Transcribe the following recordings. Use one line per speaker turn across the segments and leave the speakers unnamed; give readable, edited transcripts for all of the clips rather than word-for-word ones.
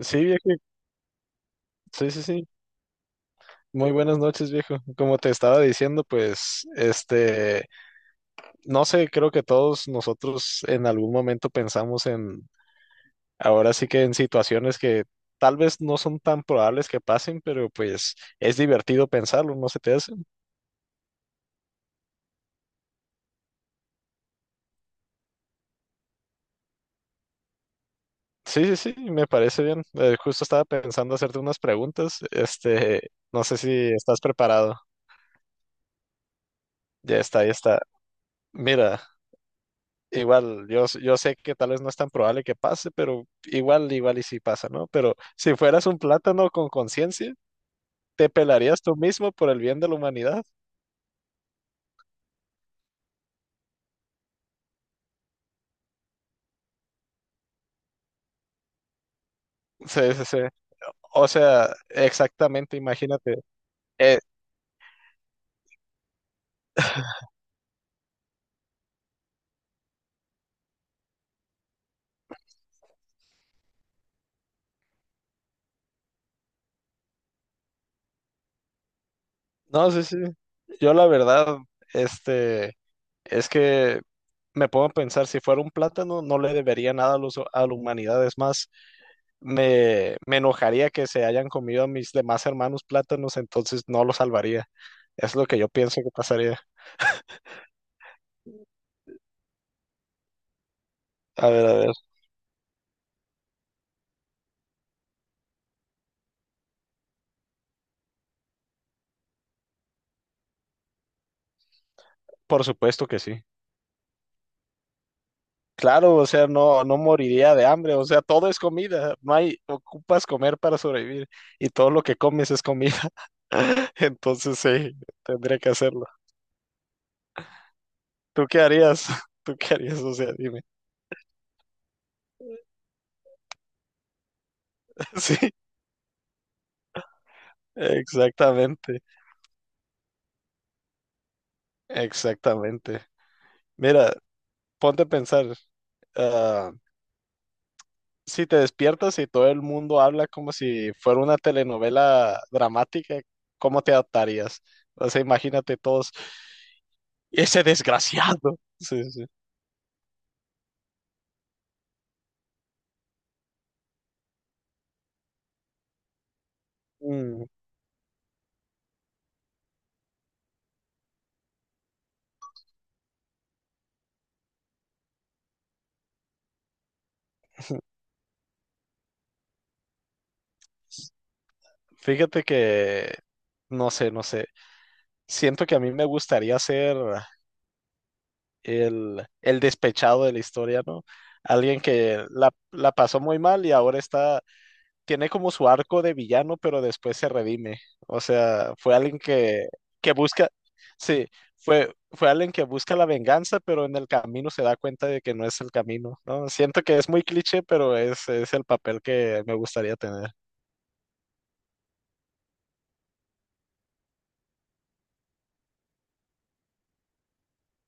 Sí, viejo. Sí, sí, sí. Muy buenas noches, viejo. Como te estaba diciendo, pues, no sé, creo que todos nosotros en algún momento pensamos en, ahora sí que en situaciones que tal vez no son tan probables que pasen, pero pues es divertido pensarlo, ¿no se te hace? Sí, sí, sí, me parece bien. Justo estaba pensando hacerte unas preguntas. No sé si estás preparado. Ya está, ya está. Mira. Igual, yo sé que tal vez no es tan probable que pase, pero igual y sí pasa, ¿no? Pero si fueras un plátano con conciencia, te pelarías tú mismo por el bien de la humanidad. Sí, sí, sí. O sea, exactamente, imagínate. Eh, no, sí, sí. Yo la verdad, este, es que me pongo a pensar, si fuera un plátano, no le debería nada a la humanidad. Es más, me enojaría que se hayan comido a mis demás hermanos plátanos, entonces no los salvaría. Es lo que yo pienso que pasaría. A ver, a ver. Por supuesto que sí. Claro, o sea, no, no moriría de hambre, o sea, todo es comida, no hay, ocupas comer para sobrevivir y todo lo que comes es comida, entonces sí, tendría que hacerlo. ¿Tú qué harías? ¿Tú qué harías? O sea, dime. Sí, exactamente, exactamente. Mira, ponte a pensar, ah, si te despiertas y todo el mundo habla como si fuera una telenovela dramática, ¿cómo te adaptarías? O sea, imagínate todos. Y ese desgraciado. Sí, sí. Mm, Fíjate que, no sé, no sé. Siento que a mí me gustaría ser el despechado de la historia, ¿no? Alguien que la pasó muy mal y ahora tiene como su arco de villano, pero después se redime. O sea, fue alguien que busca, sí, fue alguien que busca la venganza, pero en el camino se da cuenta de que no es el camino, ¿no? Siento que es muy cliché, pero es el papel que me gustaría tener.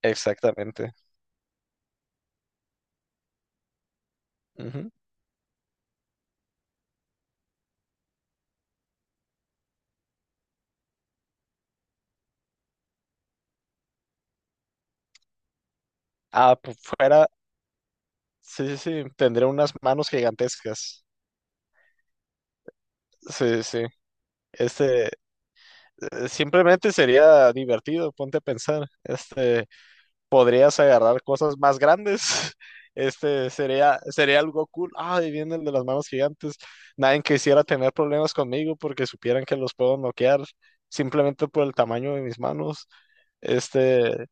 Exactamente. Ujú. Ah, pues fuera, sí, sí, sí, tendría unas manos gigantescas. Sí, sí. Este, simplemente sería divertido, ponte a pensar. Podrías agarrar cosas más grandes. Sería algo cool. Ah, y viene el de las manos gigantes. Nadie quisiera tener problemas conmigo porque supieran que los puedo noquear simplemente por el tamaño de mis manos. Este,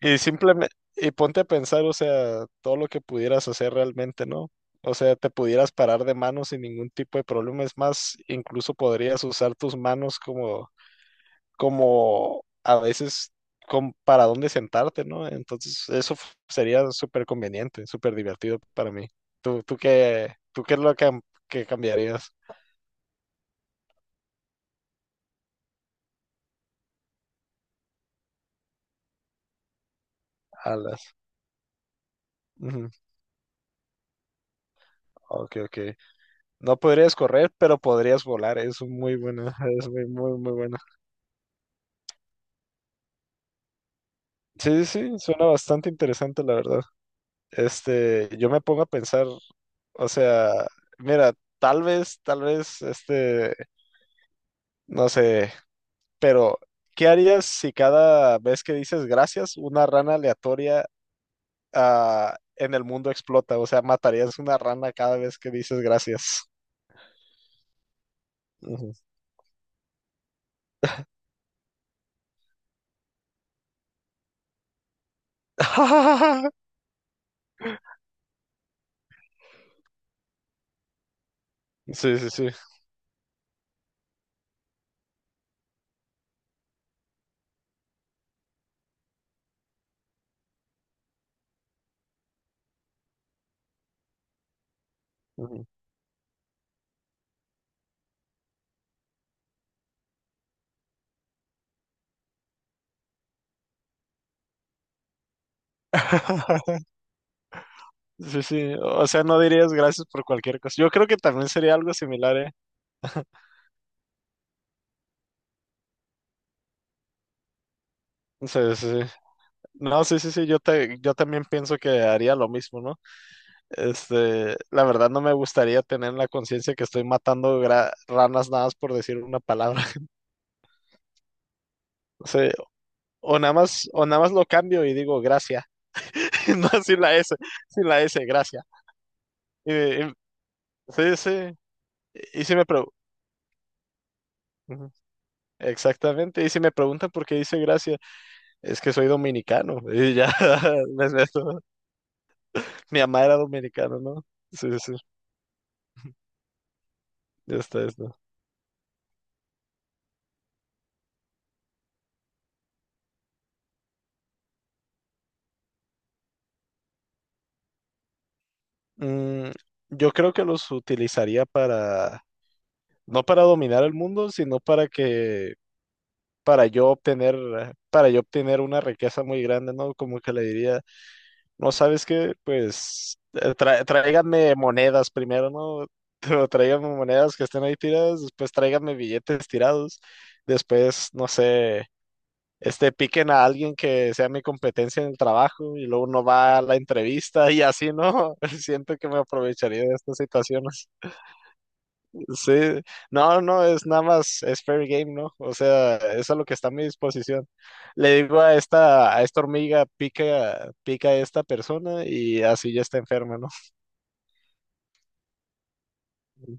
y ponte a pensar, o sea, todo lo que pudieras hacer realmente, ¿no? O sea, te pudieras parar de manos sin ningún tipo de problema. Es más, incluso podrías usar tus manos como, a veces como para dónde sentarte, ¿no? Entonces, eso sería súper conveniente, súper divertido para mí. ¿Tú qué es lo que cambiarías? Alas. Ujú. Ok, ok. No podrías correr, pero podrías volar. Es muy buena, es muy, muy, muy buena. Sí, sí, sí, suena bastante interesante, la verdad. Yo me pongo a pensar, o sea, mira, tal vez, no sé, pero ¿qué harías si cada vez que dices gracias, una rana aleatoria, en el mundo explota? O sea, matarías una rana cada vez que dices gracias. Ujú. Sí, sí, sí. Ujú. Sí, sí. O sea, no dirías gracias por cualquier cosa. Yo creo que también sería algo similar, ¿eh? Sí, sí. No, sí, sí, sí, yo también pienso que haría lo mismo, ¿no? La verdad no me gustaría tener en la conciencia que estoy matando ranas nada más por decir una palabra. O sea, o nada más lo cambio y digo gracia, no sin la S, sin la S, gracia. Y, y- sí, sí, y si me preguntan, exactamente, y si me preguntan por qué dice gracia, es que soy dominicano, y ya, me- me- mi mamá era dominicana, ¿no? Sí, sí, ya está, ya está. Mm, yo creo que los utilizaría no para dominar el mundo, sino para yo obtener una riqueza muy grande, ¿no? Como que le diría, no sabes qué, pues tráiganme monedas primero, ¿no? Pero tráiganme monedas que estén ahí tiradas, después tráiganme billetes tirados, después, no sé, piquen a alguien que sea mi competencia en el trabajo y luego uno va a la entrevista y así, ¿no? Siento que me aprovecharía de esta situación. Sí, no, no, es nada más, es fair game, ¿no? O sea, eso es lo que está a mi disposición. Le digo a esta hormiga, pica, pica a esta persona y así ya está enferma, ¿no? Mm,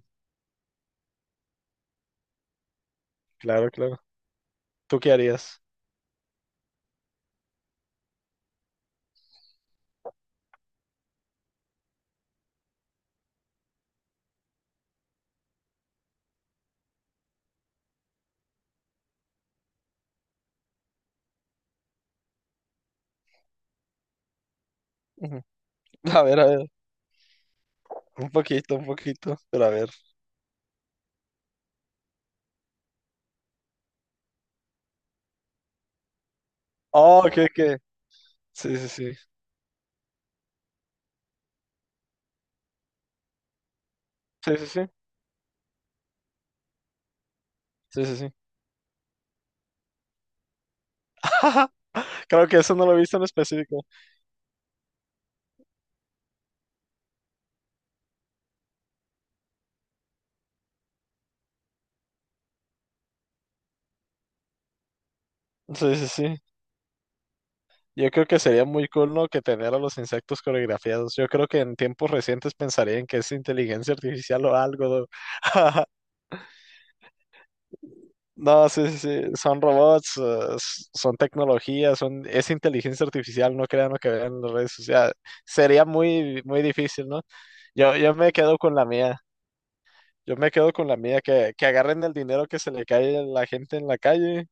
claro, claro. ¿Tú qué harías? Ujú. A ver, un poquito, pero a ver. Oh, sí, sí, sí, sí, sí, sí, sí, sí, sí. Creo que eso no lo he visto en específico. Sí, sí, sí. Yo creo que sería muy cool, ¿no? Que tener a los insectos coreografiados. Yo creo que en tiempos recientes pensarían que es inteligencia artificial o algo. ¿no? No, sí, sí, sí, son robots, son tecnologías, es inteligencia artificial, no crean lo que vean en las redes sociales. Sería muy, muy difícil, ¿no? Yo me quedo con la mía, yo me quedo con la mía, que agarren el dinero que se le cae a la gente en la calle.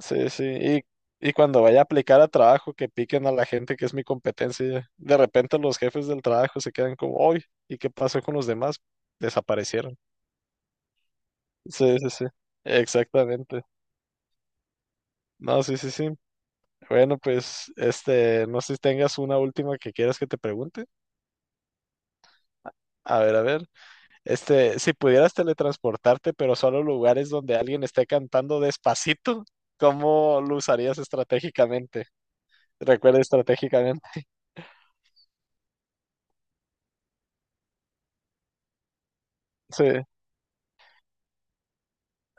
Sí, sí. Y cuando vaya a aplicar a trabajo, que piquen a la gente que es mi competencia. De repente los jefes del trabajo se quedan como, hoy, ¿y qué pasó con los demás? Desaparecieron. Sí, sí, sí. Exactamente. No, sí, sí, sí. Bueno, pues, no sé si tengas una última que quieras que te pregunte. A ver, a ver. Si pudieras teletransportarte, pero solo a lugares donde alguien esté cantando Despacito, ¿cómo lo usarías estratégicamente? Recuerda estratégicamente. Sí.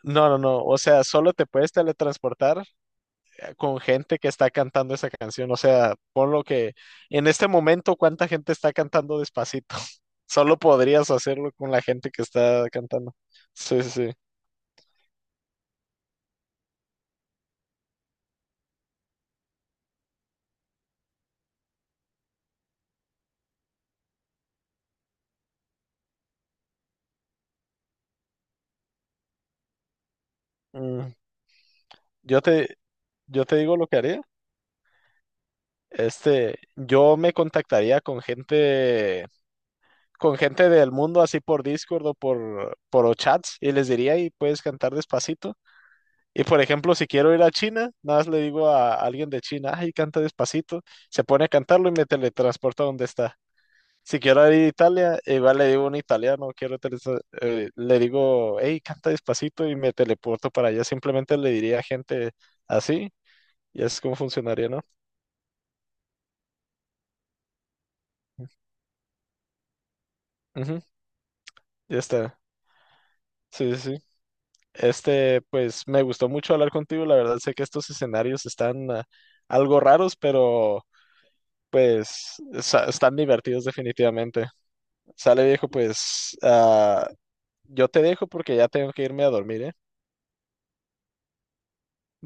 No, no, no. O sea, solo te puedes teletransportar con gente que está cantando esa canción. O sea, por lo que en este momento, ¿cuánta gente está cantando Despacito? Solo podrías hacerlo con la gente que está cantando. Sí, sí, sí. Mm, Yo te, yo te digo lo que haría. Yo me contactaría con gente del mundo, así por Discord o por chats, y les diría, y puedes cantar Despacito. Y por ejemplo, si quiero ir a China, nada más le digo a alguien de China, ay, canta Despacito, se pone a cantarlo y me teletransporta a donde está. Si quiero ir a Italia, igual le digo a un italiano, le digo, hey, canta Despacito y me teleporto para allá. Simplemente le diría a gente así y es como funcionaría, ¿no? Ujú, ya está. Sí, sí, sí. Pues me gustó mucho hablar contigo. La verdad, sé que estos escenarios están algo raros, pero pues están divertidos definitivamente. Sale viejo, pues yo te dejo porque ya tengo que irme a dormir, ¿eh?